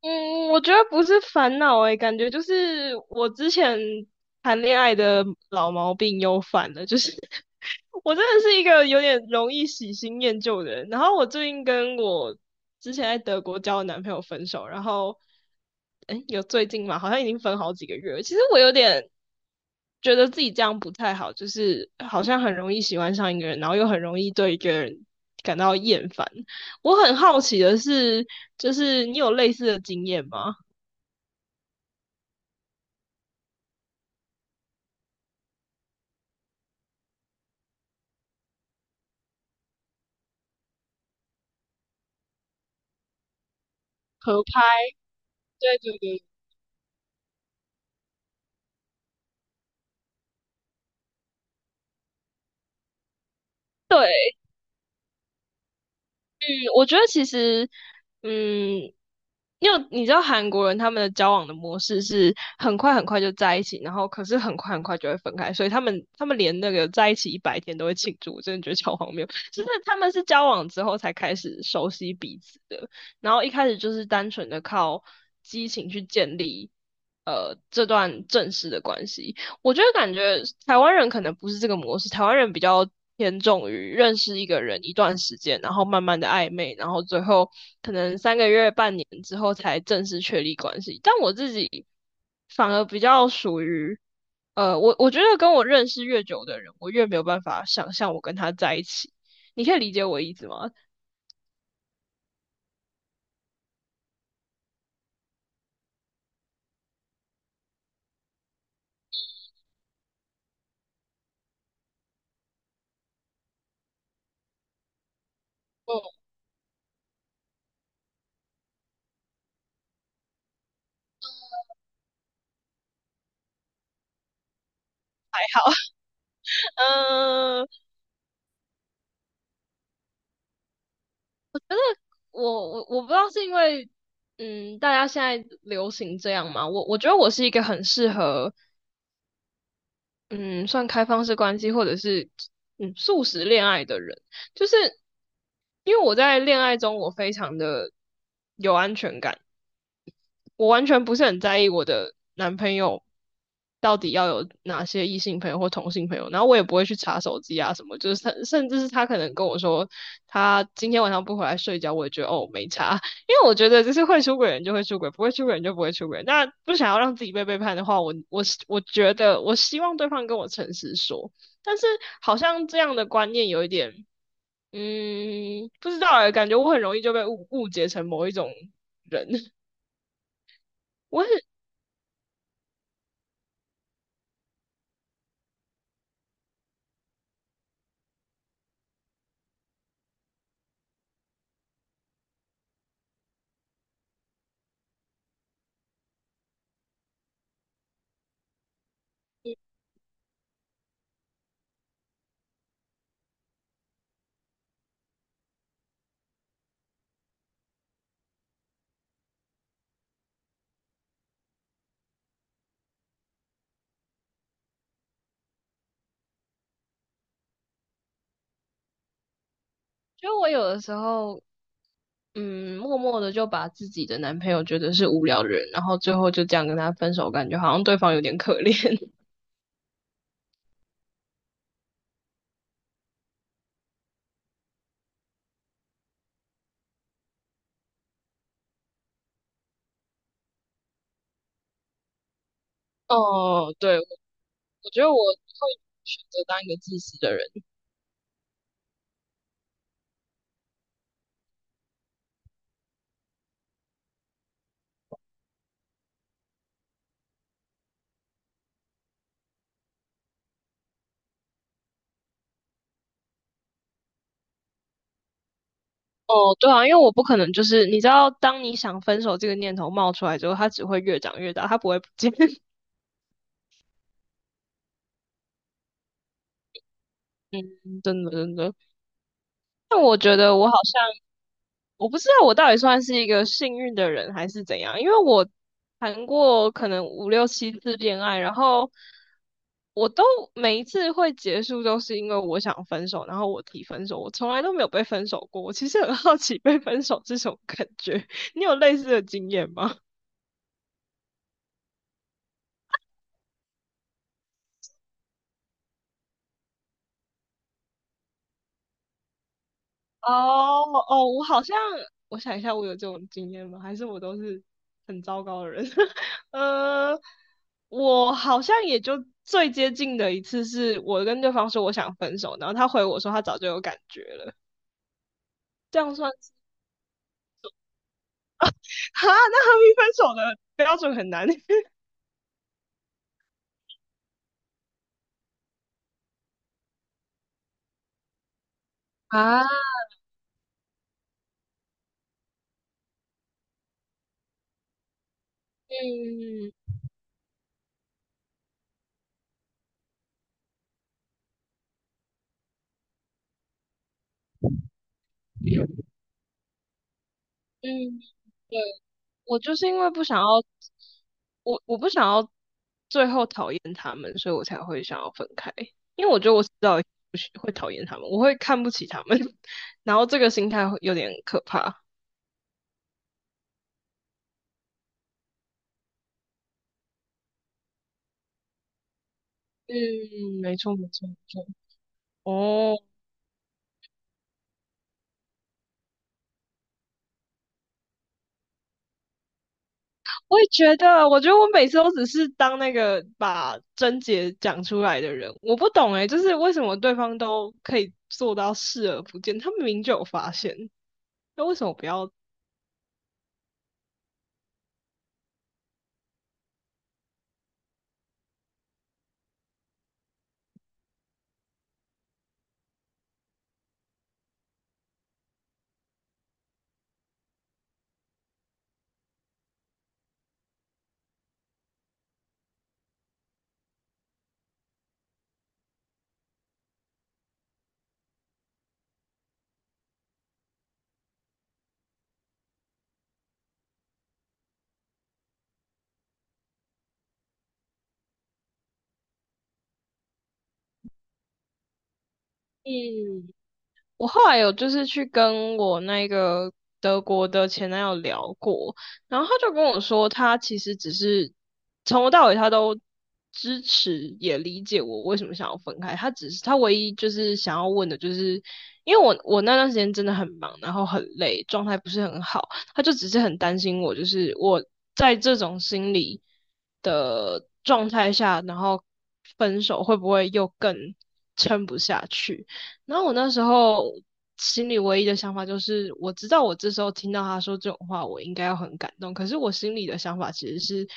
嗯，我觉得不是烦恼诶，感觉就是我之前谈恋爱的老毛病又犯了，就是 我真的是一个有点容易喜新厌旧的人。然后我最近跟我之前在德国交的男朋友分手，然后诶，有最近嘛，好像已经分好几个月了。其实我有点觉得自己这样不太好，就是好像很容易喜欢上一个人，然后又很容易对一个人感到厌烦。我很好奇的是，就是你有类似的经验吗？合拍，对对对，对，嗯，我觉得其实，嗯，因为你知道韩国人他们的交往的模式是很快很快就在一起，然后可是很快很快就会分开，所以他们连那个在一起100天都会庆祝，我真的觉得超荒谬。就是他们是交往之后才开始熟悉彼此的，然后一开始就是单纯的靠激情去建立。这段正式的关系，我觉得感觉台湾人可能不是这个模式，台湾人比较偏重于认识一个人一段时间，然后慢慢的暧昧，然后最后可能3个月、半年之后才正式确立关系。但我自己反而比较属于，我觉得跟我认识越久的人，我越没有办法想象我跟他在一起。你可以理解我意思吗？嗯，好，嗯，我不知道是因为，大家现在流行这样嘛，我觉得我是一个很适合嗯，算开放式关系，或者是素食恋爱的人，就是因为我在恋爱中我非常的有安全感，我完全不是很在意我的男朋友到底要有哪些异性朋友或同性朋友，然后我也不会去查手机啊什么，就是甚至是他可能跟我说他今天晚上不回来睡觉，我也觉得哦没查，因为我觉得就是会出轨人就会出轨，不会出轨人就不会出轨。那不想要让自己被背叛的话，我觉得我希望对方跟我诚实说，但是好像这样的观念有一点，不知道哎，感觉我很容易就被误解成某一种人，我很。就我有的时候，默默的就把自己的男朋友觉得是无聊的人，然后最后就这样跟他分手，感觉好像对方有点可怜。哦，对，我觉得我会选择当一个自私的人。哦，对啊，因为我不可能就是你知道，当你想分手这个念头冒出来之后，它只会越长越大，它不会不见。嗯，真的真的。但我觉得我好像，我不知道我到底算是一个幸运的人还是怎样，因为我谈过可能5、6、7次恋爱，然后我都每一次会结束都是因为我想分手，然后我提分手，我从来都没有被分手过。我其实很好奇被分手这种感觉，你有类似的经验吗？哦哦，我好像，我想一下，我有这种经验吗？还是我都是很糟糕的人？呃，我好像也就最接近的一次是我跟对方说我想分手，然后他回我说他早就有感觉了，这样算是 啊？那和平分手的标准很难 啊，嗯嗯，对。我就是因为不想要，我不想要最后讨厌他们，所以我才会想要分开。因为我觉得我迟早不喜会讨厌他们，我会看不起他们，然后这个心态会有点可怕。嗯，没错没错没错。哦，我也觉得，我觉得我每次都只是当那个把症结讲出来的人，我不懂诶，就是为什么对方都可以做到视而不见，他们明明就有发现，那为什么不要？嗯，我后来有就是去跟我那个德国的前男友聊过，然后他就跟我说，他其实只是从头到尾他都支持也理解我为什么想要分开，他只是他唯一就是想要问的就是，因为我那段时间真的很忙，然后很累，状态不是很好，他就只是很担心我，就是我在这种心理的状态下，然后分手会不会又更撑不下去。然后我那时候心里唯一的想法就是，我知道我这时候听到他说这种话，我应该要很感动。可是我心里的想法其实是，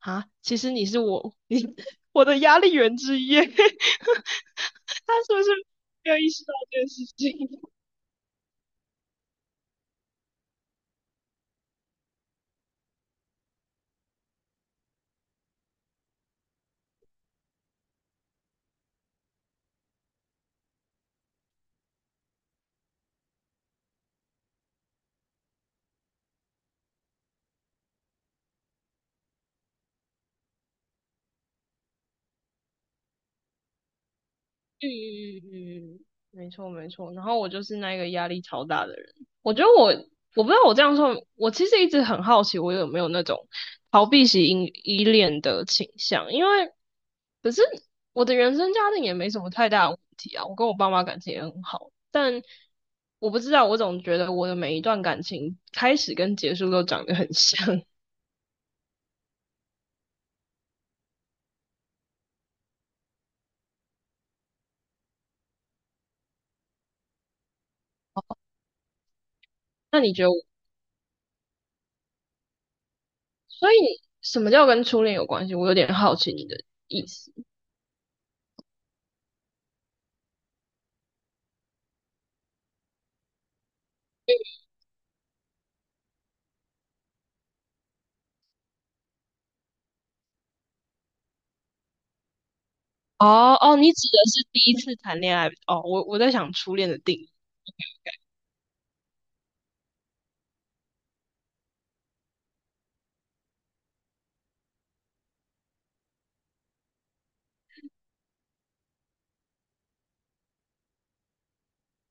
啊，其实你是我，你我的压力源之一耶 他是不是没有意识到这件事情？嗯嗯嗯嗯，没错没错。然后我就是那个压力超大的人。我觉得我不知道我这样说，我其实一直很好奇，我有没有那种逃避型依恋的倾向？因为可是我的原生家庭也没什么太大的问题啊，我跟我爸妈感情也很好，但我不知道，我总觉得我的每一段感情开始跟结束都长得很像。那你觉得我？所以什么叫跟初恋有关系？我有点好奇你的意思。哦哦，你指的是第一次谈恋爱哦？我在想初恋的定义，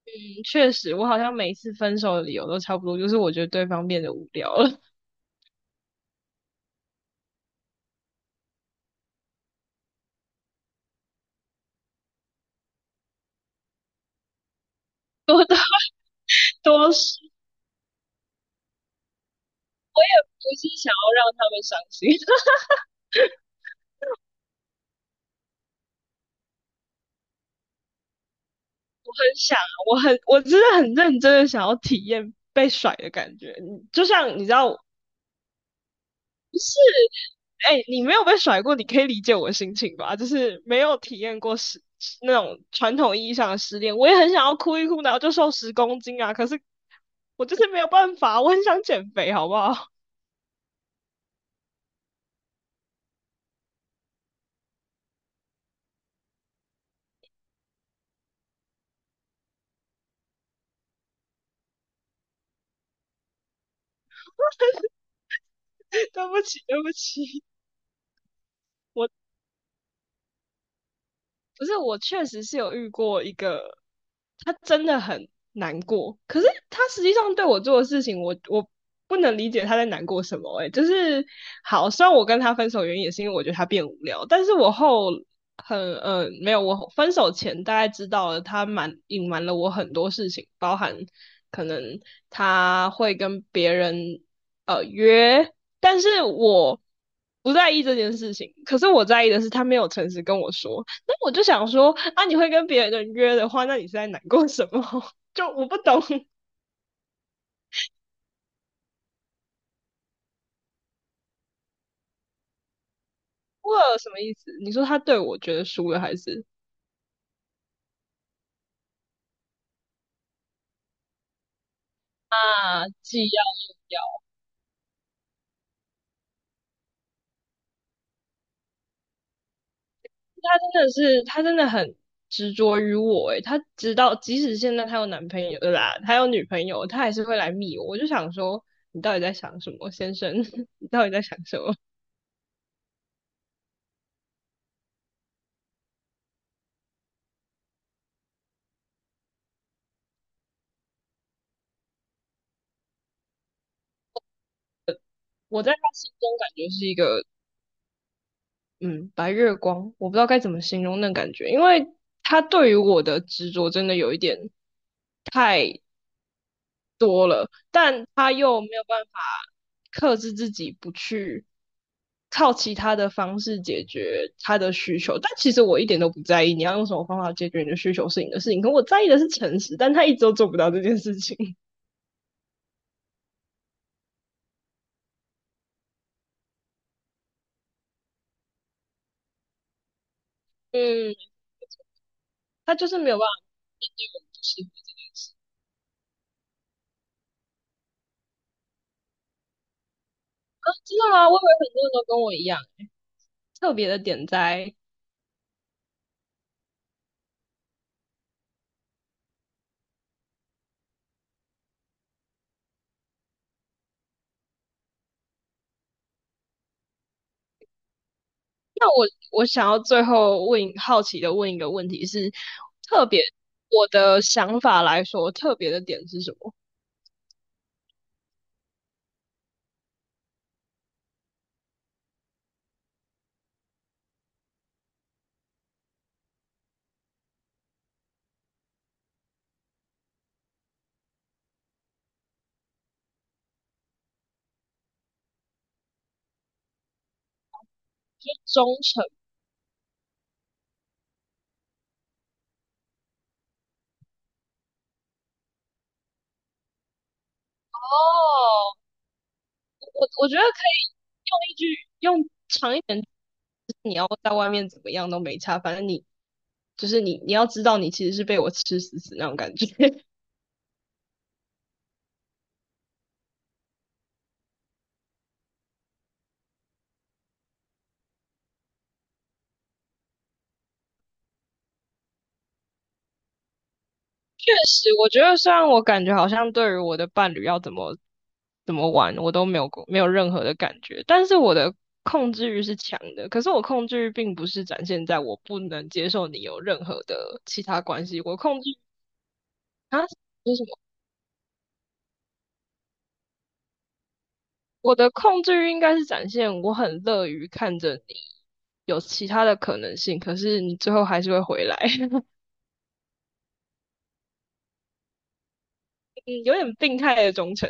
嗯，确实，我好像每次分手的理由都差不多，就是我觉得对方变得无聊了，多大多是，不是想要让他们伤心，很想啊，我真的很认真的想要体验被甩的感觉，你就像你知道，哎，你没有被甩过，你可以理解我的心情吧？就是没有体验过那种传统意义上的失恋，我也很想要哭一哭，然后就瘦10公斤啊！可是我就是没有办法，我很想减肥，好不好？对不起，对不起，我不是，我确实是有遇过一个，他真的很难过，可是他实际上对我做的事情，我不能理解他在难过什么、欸。哎，就是好，虽然我跟他分手原因也是因为我觉得他变无聊，但是我没有，我分手前大概知道了他隐瞒了我很多事情，包含可能他会跟别人约，但是我不在意这件事情。可是我在意的是他没有诚实跟我说，那我就想说啊，你会跟别人约的话，那你是在难过什么？就我不懂，我有什么意思？你说他对我觉得输了还是啊，既要他真的是，他真的很执着于我诶，她直到即使现在他有男朋友了啦，他有女朋友，他还是会来密我。我就想说，你到底在想什么，先生？你到底在想什么？我在他心中感觉是一个嗯白月光，我不知道该怎么形容那感觉，因为他对于我的执着真的有一点。但他又没有办法克制自己不去靠其他的方式解决他的需求。但其实我一点都不在意你要用什么方法解决你的需求是你的事情，可我在意的是诚实，但他一直都做不到这件事情。嗯，他就是没有办法是真的吗？我以为很多人都跟我一样。特别的点在，那我想要最后问好奇的问一个问题是，特别我的想法来说，特别的点是什么？就是忠诚。哦，我觉得可以用一句用长一点，你要在外面怎么样都没差，反正你就是你要知道你其实是被我吃死死那种感觉。确实，我觉得虽然我感觉好像对于我的伴侣要怎么玩，我都没有过没有任何的感觉，但是我的控制欲是强的。可是我控制欲并不是展现在我不能接受你有任何的其他关系，我控制欲啊，就是我的控制欲应该是展现我很乐于看着你有其他的可能性，可是你最后还是会回来，嗯有点病态的忠诚。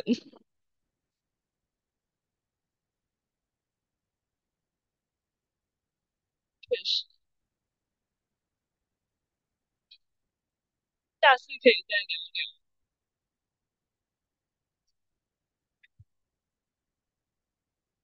下次可以